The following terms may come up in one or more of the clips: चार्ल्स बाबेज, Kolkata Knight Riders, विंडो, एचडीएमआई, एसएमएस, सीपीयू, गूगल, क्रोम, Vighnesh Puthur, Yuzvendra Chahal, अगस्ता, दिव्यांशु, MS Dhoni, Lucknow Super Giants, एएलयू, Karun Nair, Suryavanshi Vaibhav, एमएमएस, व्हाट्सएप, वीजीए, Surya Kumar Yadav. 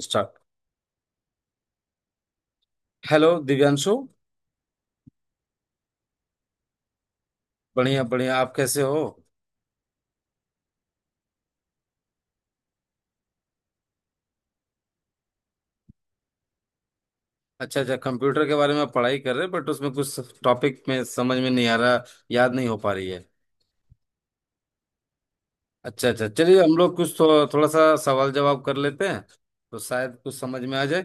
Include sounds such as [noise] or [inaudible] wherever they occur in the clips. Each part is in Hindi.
स्टार्ट। हेलो दिव्यांशु। बढ़िया बढ़िया, आप कैसे हो? अच्छा अच्छा, कंप्यूटर के बारे में आप पढ़ाई कर रहे, बट उसमें कुछ टॉपिक में समझ में नहीं आ रहा, याद नहीं हो पा रही है। अच्छा अच्छा, चलिए हम लोग कुछ थोड़ा सा सवाल जवाब कर लेते हैं, तो शायद कुछ समझ में आ जाए।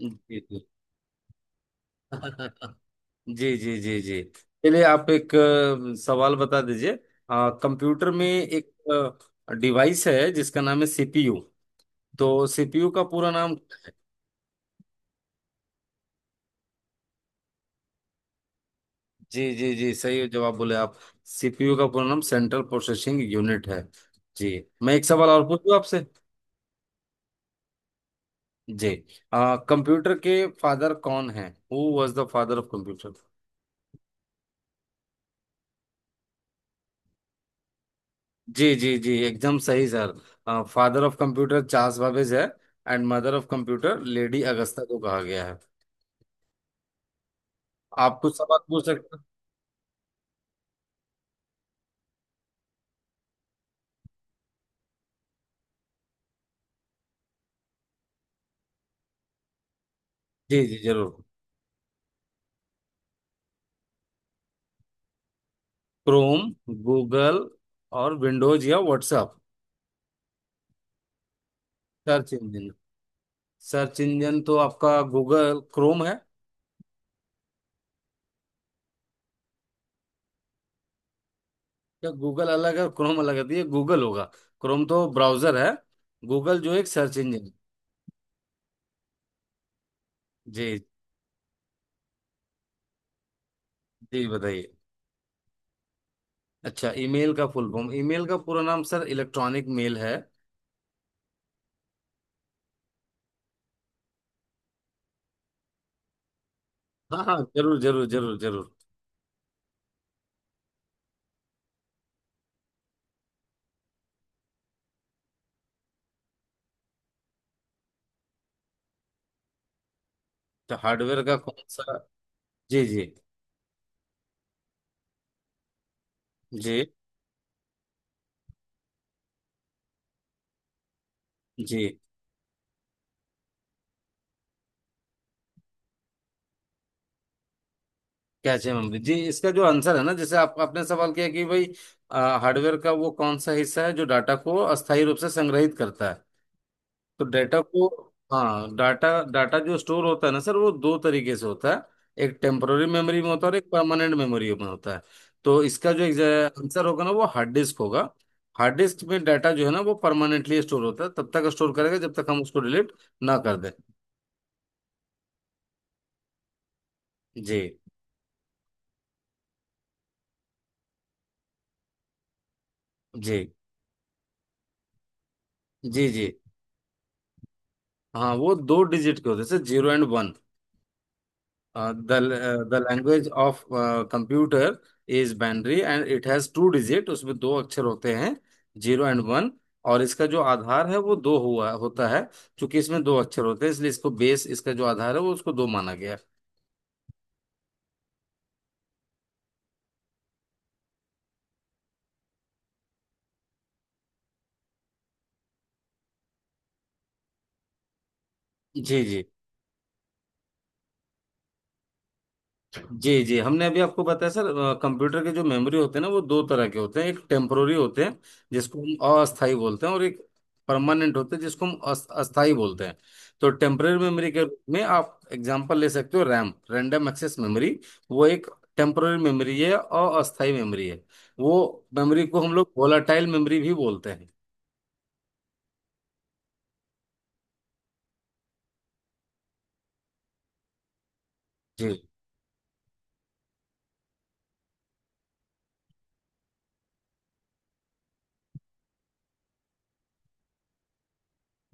जी जी। [laughs] जी जी जी जी। चलिए आप एक सवाल बता दीजिए। कंप्यूटर में एक डिवाइस है जिसका नाम है सीपीयू, तो सीपीयू का पूरा नाम। जी जी जी, सही जवाब बोले आप। सीपीयू का पूरा नाम सेंट्रल प्रोसेसिंग यूनिट है। जी। मैं एक सवाल और पूछूं आपसे। जी। कंप्यूटर के फादर कौन है? Who was the father of computer? जी जी जी, एकदम सही sir. Father of computer चार्ल्स बाबेज है, and mother of computer lady अगस्ता को कहा गया है। आप कुछ सवाल पूछ सकते हैं। जी जी, जरूर। क्रोम, गूगल, और विंडोज या व्हाट्सएप। Search engine, search engine तो आपका गूगल क्रोम है, या गूगल अलग है और क्रोम अलग है, तो ये गूगल होगा। क्रोम तो ब्राउजर है, गूगल जो एक सर्च इंजन है। जी। जी, बताइए। अच्छा, ईमेल का फुल फॉर्म, ईमेल का पूरा नाम सर इलेक्ट्रॉनिक मेल है। हाँ हाँ, जरूर जरूर जरूर जरूर। तो हार्डवेयर का कौन सा। जी जी जी जी। क्या चाहिए मम्मी जी, इसका जो आंसर है ना, जैसे आप, आपने सवाल किया कि भाई, हार्डवेयर का वो कौन सा हिस्सा है जो डाटा को अस्थायी रूप से संग्रहित करता है, तो डाटा को। हाँ, डाटा डाटा जो स्टोर होता है ना सर, वो दो तरीके से होता है। एक टेम्पररी मेमोरी में होता है और एक परमानेंट मेमोरी में होता है। तो इसका जो आंसर होगा ना, वो हार्ड डिस्क होगा। हार्ड डिस्क में डाटा जो है ना, वो परमानेंटली स्टोर होता है, तब तक स्टोर करेगा जब तक हम उसको डिलीट ना कर दें। जी जी जी जी। हाँ वो दो डिजिट के होते हैं sir, zero and one. The language of computer is binary, and it has two digit, उसमें दो अक्षर होते हैं, जीरो एंड वन। और इसका जो आधार है वो दो हुआ होता है, क्योंकि इसमें दो अक्षर होते हैं, इसलिए इसको बेस, इसका जो आधार है वो, उसको दो माना गया। जी जी जी जी, हमने अभी आपको बताया सर। कंप्यूटर के जो मेमोरी होते हैं ना, वो दो तरह के होते हैं। एक टेम्पोररी होते हैं, जिसको हम अस्थाई बोलते हैं, और एक परमानेंट होते हैं, जिसको हम अस्थाई बोलते हैं। तो टेम्पोररी मेमोरी के रूप में आप एग्जांपल ले सकते हो, रैम, रैंडम एक्सेस मेमोरी। वो एक टेम्पोररी मेमोरी है और अस्थाई मेमोरी है, वो मेमोरी को हम लोग वोलाटाइल मेमोरी भी बोलते हैं। जी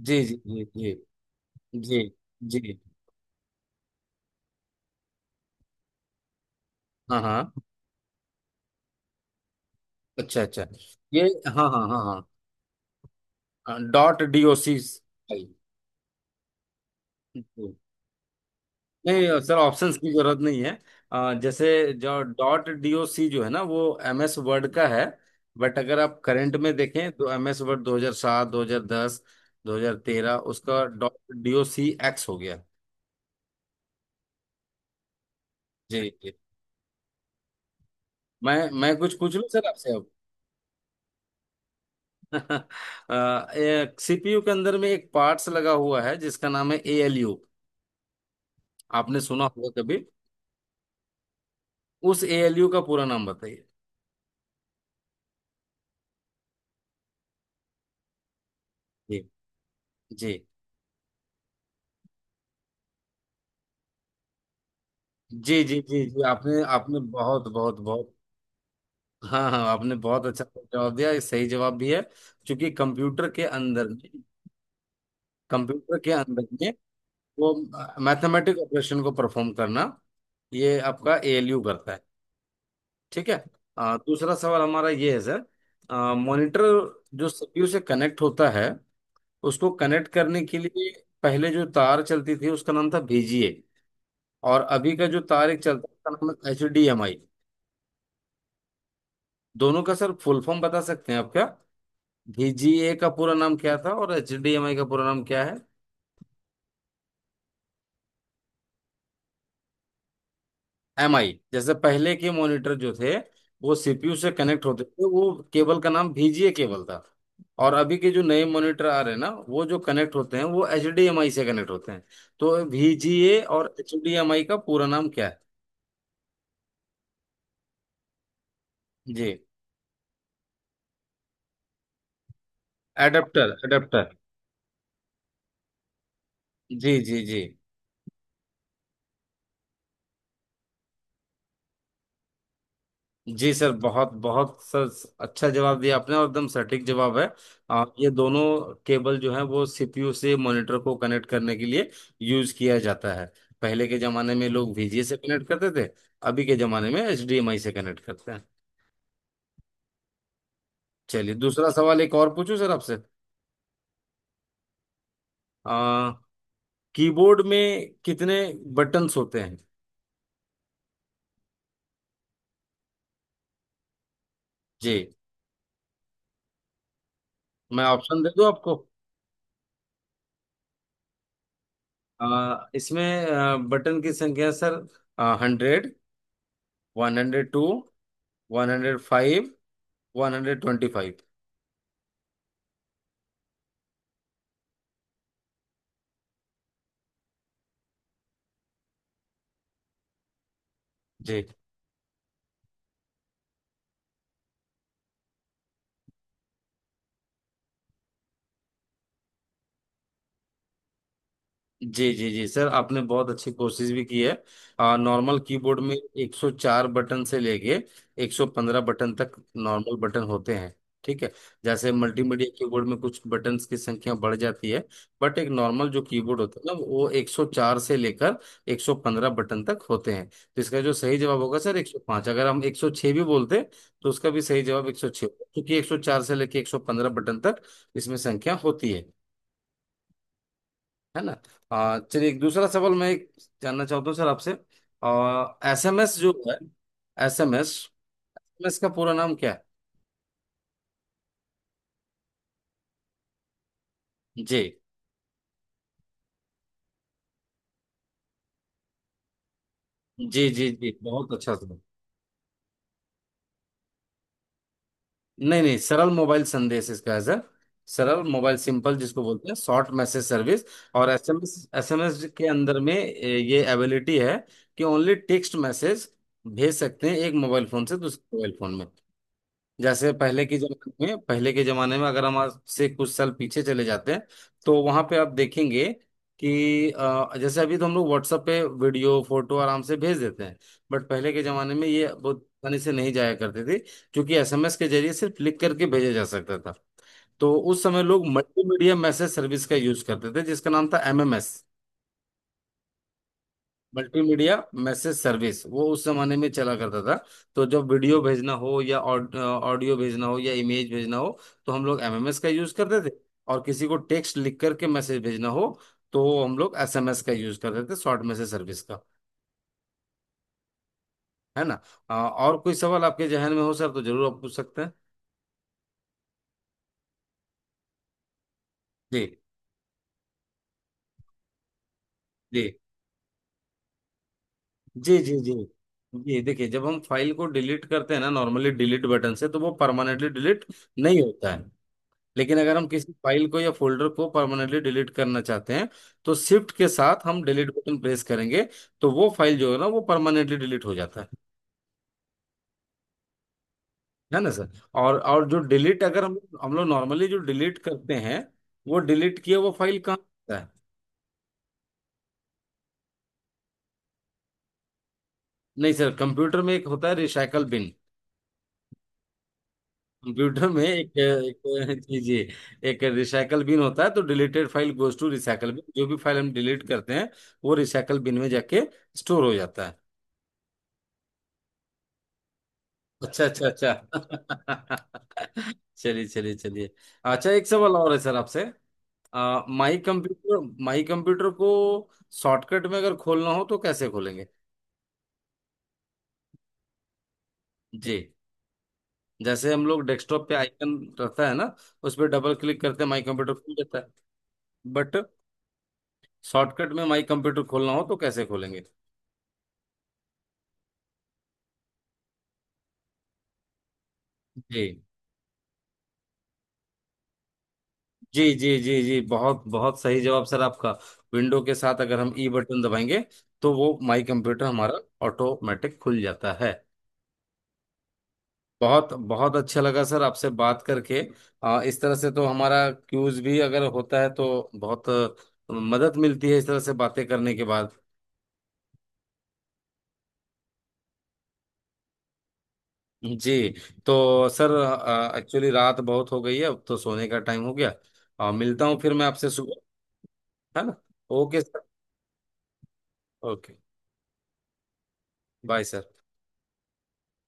जी जी जी जी जी जी। हाँ हाँ। अच्छा अच्छा ये। हाँ हाँ हाँ। हाँ, डॉट डी ओ सी। बिल्कुल। नहीं सर, ऑप्शंस की जरूरत नहीं है। जैसे जो डॉट डीओसी जो है ना, वो एम एस वर्ड का है। बट अगर आप करंट में देखें तो एम एस वर्ड 2007, 2010, 2013, उसका डॉट डीओसी एक्स हो गया। जी जी। मैं मैं कुछ पूछ लूं सर आपसे अब। [laughs] सीपीयू के अंदर में एक पार्ट्स लगा हुआ है जिसका नाम है एएलयू, आपने सुना होगा कभी? उस एएलयू का पूरा नाम बताइए। जी जी जी जी जी जी। आपने आपने बहुत बहुत बहुत। हाँ हाँ, आपने बहुत अच्छा जवाब दिया, ये सही जवाब भी है, क्योंकि कंप्यूटर के अंदर में, कंप्यूटर के अंदर में वो मैथमेटिक ऑपरेशन को परफॉर्म करना, ये आपका एएलयू करता है। ठीक है। दूसरा सवाल हमारा ये है सर। मॉनिटर जो सीपीयू से कनेक्ट होता है, उसको कनेक्ट करने के लिए पहले जो तार चलती थी उसका नाम था बीजीए, और अभी का जो तार एक चलता है उसका नाम है एचडीएमआई। दोनों का सर फुल फॉर्म बता सकते हैं आप क्या? VGA का पूरा नाम क्या था और HDMI का पूरा नाम क्या है? MI, जैसे पहले के मॉनिटर जो थे, वो CPU से कनेक्ट होते थे, वो केबल का नाम VGA केबल था, और अभी के जो नए मॉनिटर आ रहे हैं ना, वो जो कनेक्ट होते हैं वो HDMI से कनेक्ट होते हैं। तो VGA और HDMI का पूरा नाम क्या है? जी। Adapter adapter. जी जी जी जी सर, बहुत बहुत सर, अच्छा जवाब दिया आपने, और एकदम सटीक जवाब है। ये दोनों केबल जो है, वो सीपीयू से मॉनिटर को कनेक्ट करने के लिए यूज किया जाता है। पहले के जमाने में लोग वीजीए से कनेक्ट करते थे, अभी के जमाने में एचडीएमआई से कनेक्ट करते हैं। चलिए, दूसरा सवाल एक और पूछूं सर आपसे। आ, कीबोर्ड में कितने बटन्स होते हैं? जी, मैं ऑप्शन दे दूं आपको। इसमें बटन की संख्या सर, 100, 102, 105, 125। जी जी जी जी सर, आपने बहुत अच्छी कोशिश भी की है। नॉर्मल कीबोर्ड में 104 बटन से लेके 115 बटन तक नॉर्मल बटन होते हैं। ठीक है। जैसे मल्टीमीडिया कीबोर्ड में कुछ बटन्स की संख्या बढ़ जाती है, बट एक नॉर्मल जो कीबोर्ड होता है ना, वो 104 से लेकर 115 बटन तक होते हैं। तो इसका जो सही जवाब होगा सर 105, अगर हम 106 भी बोलते तो उसका भी सही जवाब 106 होगा, क्योंकि 104 से लेकर 115 बटन तक इसमें संख्या होती है। है ना। चलिए, एक दूसरा सवाल मैं एक जानना चाहता हूँ सर आपसे। एसएमएस जो है, एसएमएस एसएमएस का पूरा नाम क्या है? जी जी जी जी, बहुत अच्छा सवाल। नहीं नहीं, सरल मोबाइल संदेश इसका है सर, सरल मोबाइल सिंपल, जिसको बोलते हैं शॉर्ट मैसेज सर्विस। और एसएमएस, एसएमएस के अंदर में ये एबिलिटी है, कि ओनली टेक्स्ट मैसेज भेज सकते हैं एक मोबाइल फोन से दूसरे मोबाइल फोन में। जैसे पहले के जमाने में, अगर हम आज से कुछ साल पीछे चले जाते हैं, तो वहां पे आप देखेंगे कि जैसे अभी तो हम लोग WhatsApp पे वीडियो फोटो आराम से भेज देते हैं, बट पहले के जमाने में ये बहुत आसानी से नहीं जाया करते थे, क्योंकि एसएमएस के जरिए सिर्फ लिख करके भेजा जा सकता था। तो उस समय लोग मल्टीमीडिया मैसेज सर्विस का यूज करते थे, जिसका नाम था एमएमएस। मल्टीमीडिया मैसेज सर्विस वो उस जमाने में चला करता था। तो जब वीडियो भेजना हो, या ऑडियो भेजना हो, या इमेज भेजना हो, तो हम लोग एमएमएस का यूज करते थे। और किसी को टेक्स्ट लिख करके मैसेज भेजना हो, तो हम लोग एसएमएस का यूज करते थे, शॉर्ट मैसेज सर्विस का। है ना। और कोई सवाल आपके जहन में हो सर, तो जरूर आप पूछ सकते हैं। जी जी जी जी जी। जी, देखिए, जब हम फाइल को डिलीट करते हैं ना नॉर्मली डिलीट बटन से, तो वो परमानेंटली डिलीट नहीं होता है। लेकिन अगर हम किसी फाइल को या फोल्डर को परमानेंटली डिलीट करना चाहते हैं, तो शिफ्ट के साथ हम डिलीट बटन प्रेस करेंगे, तो वो फाइल जो है ना, वो परमानेंटली डिलीट हो जाता है। है ना सर। और जो डिलीट, अगर हम लोग नॉर्मली जो डिलीट करते हैं, वो डिलीट किया वो फाइल कहाँ होता है? नहीं सर, कंप्यूटर में एक होता है रिसाइकल बिन। कंप्यूटर में एक एक जी जी। एक रिसाइकल बिन होता है, तो deleted file goes to recycle bin. जो भी फाइल हम डिलीट करते हैं, वो रिसाइकल बिन में जाके स्टोर हो जाता है। अच्छा अच्छा अच्छा। [laughs] चलिए चलिए चलिए। अच्छा, एक सवाल और है सर आपसे। माई कंप्यूटर को शॉर्टकट में अगर खोलना हो तो कैसे खोलेंगे? जी। जैसे हम लोग डेस्कटॉप पे आइकन रहता है ना, उस पर डबल क्लिक करते हैं, माई कंप्यूटर खुल जाता है। बट शॉर्टकट में माई कंप्यूटर खोलना हो तो कैसे खोलेंगे? जी जी जी जी जी, बहुत बहुत सही जवाब सर आपका। विंडो के साथ अगर हम ई बटन दबाएंगे, तो वो माई कंप्यूटर हमारा ऑटोमेटिक खुल जाता है। बहुत बहुत अच्छा लगा सर आपसे बात करके। इस तरह से तो हमारा क्यूज भी अगर होता है तो बहुत मदद मिलती है इस तरह से बातें करने के बाद। जी। तो सर, एक्चुअली रात बहुत हो गई है, अब तो सोने का टाइम हो गया। मिलता हूँ फिर मैं आपसे सुबह। है ना। Okay sir. Okay. Bye sir.